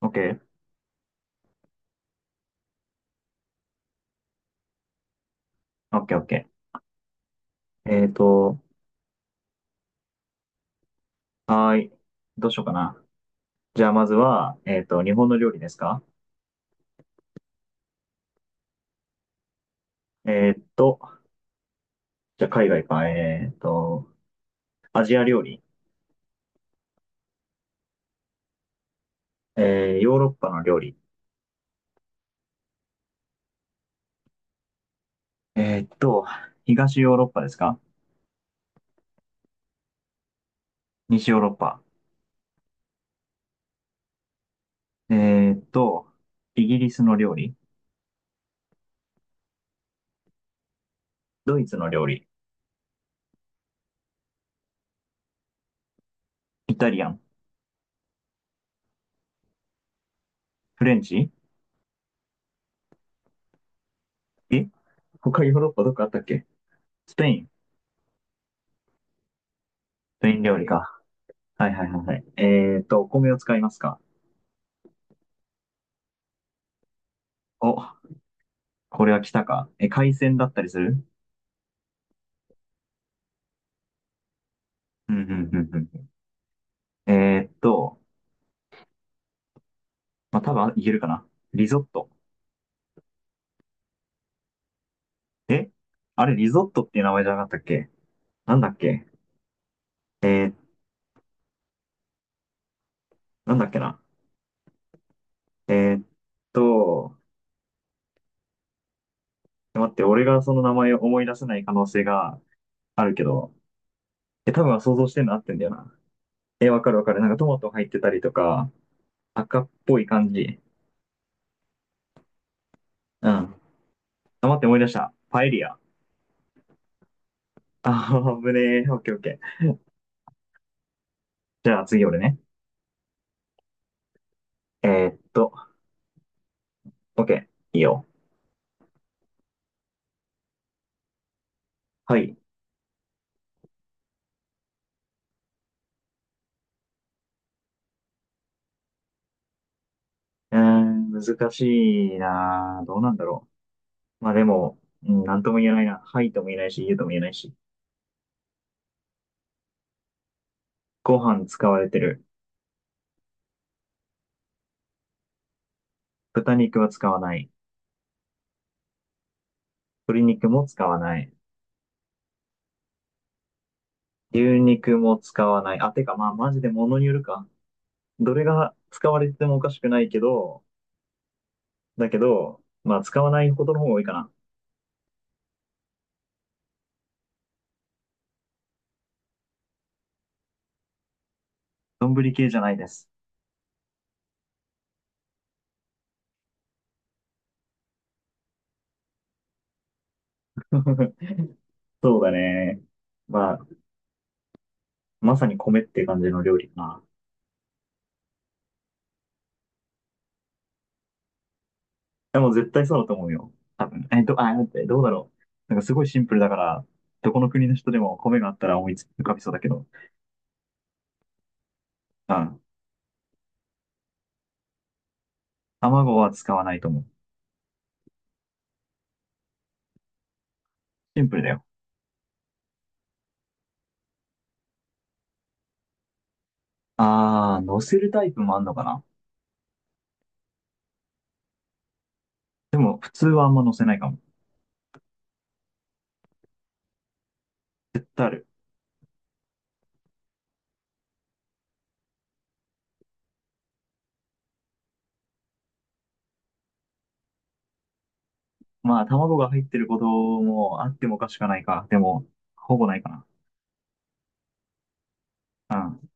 オッケー、オッケー、オッケー。はーい。どうしようかな。じゃあ、まずは、日本の料理ですか？えっと、じゃあ、海外か。アジア料理。ヨーロッパの料理。えっと、東ヨーロッパですか？西ヨーロッパ。えっと、イギリスの料理。ドイツの料理。イタリアン。フレンチ。え他ヨーロッパどこあったっけ？スペイン。スペイン料理か。はいはいはいはい。お米を使いますか？お、これは来たか。海鮮だったりする？うんうんうんうん。まあ、多分いけるかな。リゾット。えあれ、リゾットっていう名前じゃなかったっけ？なんだっけ？えー、なんだっけな。えーっと、待って、俺がその名前を思い出せない可能性があるけど、多分想像してるの合ってんだよな。わかるわかる。なんかトマト入ってたりとか、赤っぽい感じ。うん。あ、待って、思い出した。パエリア。あー、危ねえ。オッケーオッケー。じゃあ次俺ね。えーっと、オッケー。いいよ。はい。えー、難しいなぁ。どうなんだろう。まあでも、うん、なんとも言えないな。はいとも言えないし、言うとも言えないし。ご飯使われてる。豚肉は使わない。鶏肉も使わない。牛肉も使わない。あ、てかまあマジで物によるか。どれが使われてもおかしくないけど、だけど、まあ使わないことの方が多いかな。丼系じゃないです。そうだね。まあ、まさに米って感じの料理かな。や、もう絶対そうだと思うよ。多分。あ、待って、どうだろう。なんかすごいシンプルだから、どこの国の人でも米があったら思いつ浮かびそうだけど。うん。卵は使わないと思う。シンプルだよ。あー、乗せるタイプもあんのかな。でも、普通はあんま乗せないかも。絶対ある。まあ、卵が入ってることもあってもおかしくはないか。でも、ほぼないかな。うん。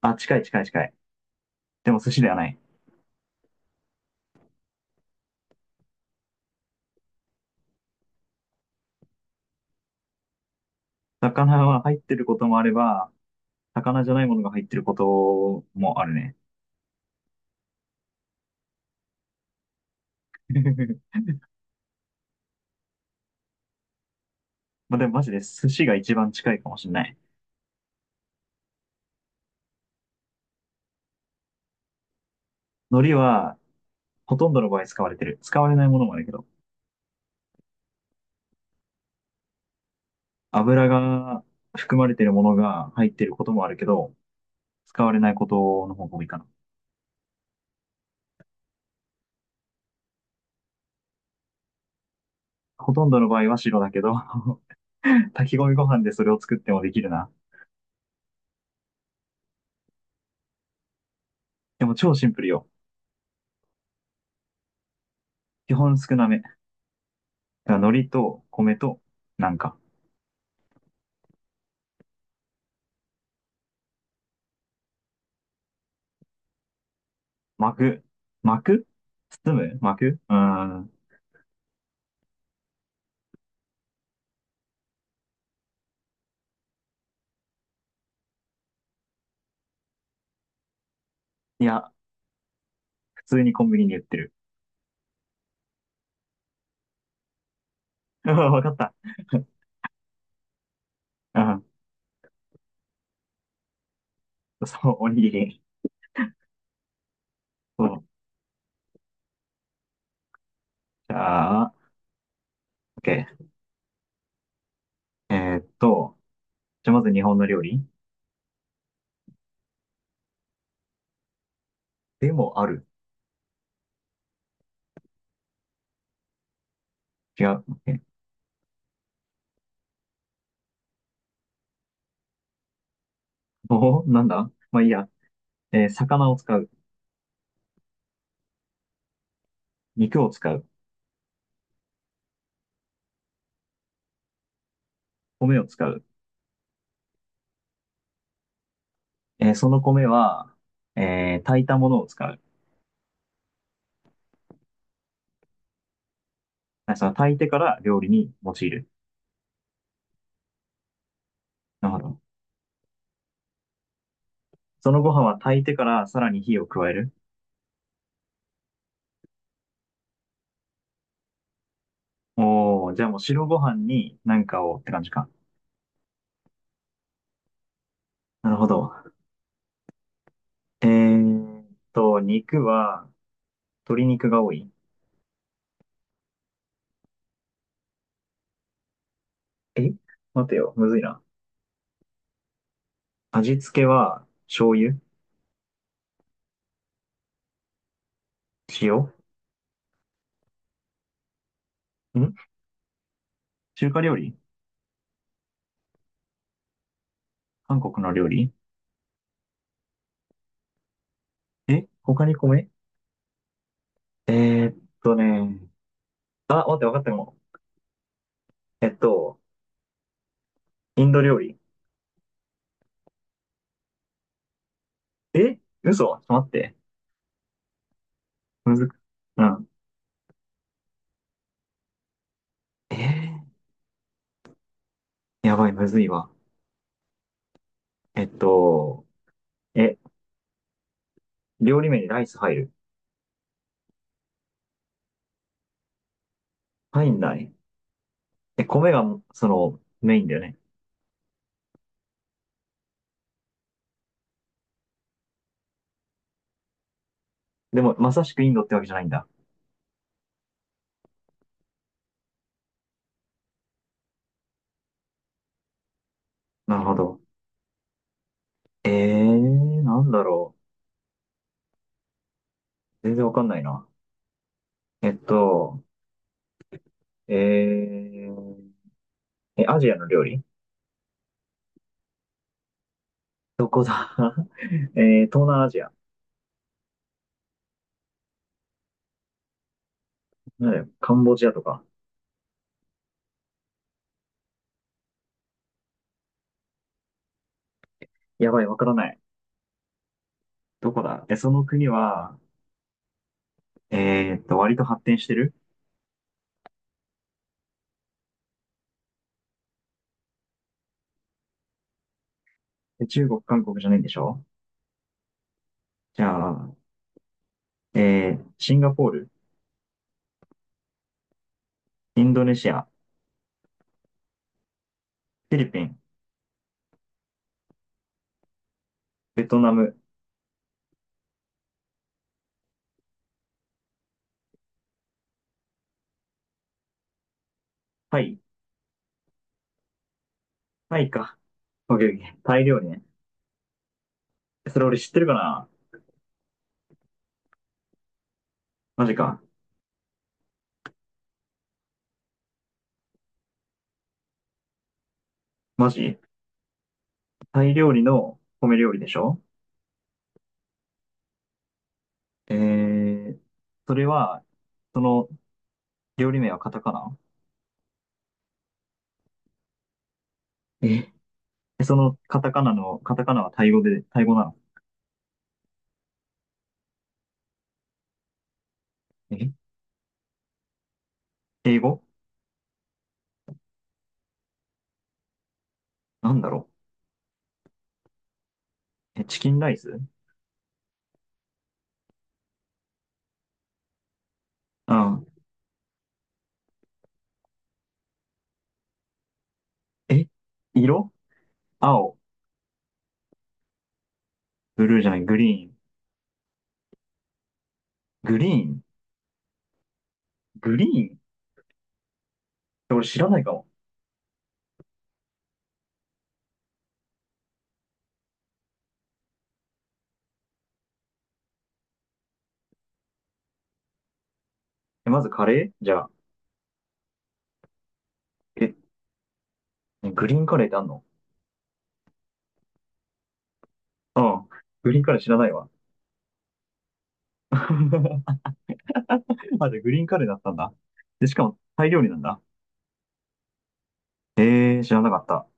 あ、近い近い近い。でも寿司ではない。魚は入ってることもあれば、魚じゃないものが入ってることもあるね。まあ、でもマジで寿司が一番近いかもしれない。海苔はほとんどの場合使われてる。使われないものもあるけど、油が含まれてるものが入ってることもあるけど、使われないことの方が多いかな。ほとんどの場合は白だけど、炊き込みご飯でそれを作ってもできるな。でも超シンプルよ。基本少なめ。だから海苔と米と、なんか、巻く。巻く包む巻くうーん。いや、普通にコンビニに売ってる。わかった。うん。そう、おにぎり。そう。じゃあ、OK。ーっと、じゃあまず日本の料理？でもある。違う。OK。おお、なんだまあいいや。魚を使う？肉を使う？米を使う？その米は、炊いたものを使う？あその炊いてから料理に用いる？なるほど。そのご飯は炊いてからさらに火を加える？おお、じゃあもう白ご飯に何かをって感じか。なるほど。えーっ肉は鶏肉が多い？え待てよ、むずいな。味付けは醤油？塩？ん中華料理？韓国の料理？他に米、えーっね。あ、待って、分かったも。えっと、インド料理。嘘ちょっと待って。むずく、うん。えやばい、むずいわ。えっと、え、料理名にライス入る？入んない。米が、メインだよね。でも、まさしくインドってわけじゃないんだ。なるほど。えなんだろう。全然わかんないな。えっと、えー、アジアの料理？どこだ？ 東南アジア。なんだよカンボジアとか。やばい、わからない。どこだ。その国は、割と発展してる？中国、韓国じゃないんでしょ？じゃあ、シンガポール、インドネシア、フィリピン、ベトナム、タイ、タイか。オッケーオッケー。タイ料理ね。それ俺知ってるかな？マジか。マジ？タイ料理の米料理でしょ？えー、それは、その料理名はカタカナ？えそのカタカナの、カタカナはタイ語で、タイ語なの？え英語？なんだろう。チキンライス？うん。え色？青？ブルーじゃない、グリーン。グリーン。グリーンって俺知らないかも。まずカレーじゃあ。え、ねグリーンカレーってあんの？うん。グリーンカレー知らないわ。あ、じゃあグリーンカレーだったんだ。で、しかもタイ料理なんだ。知らなかった。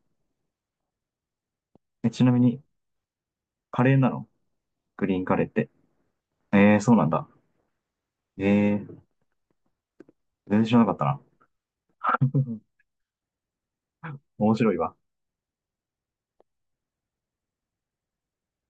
ちなみに、カレーなの？グリーンカレーって。そうなんだ。えー、全然知らなかったな。面白いわ。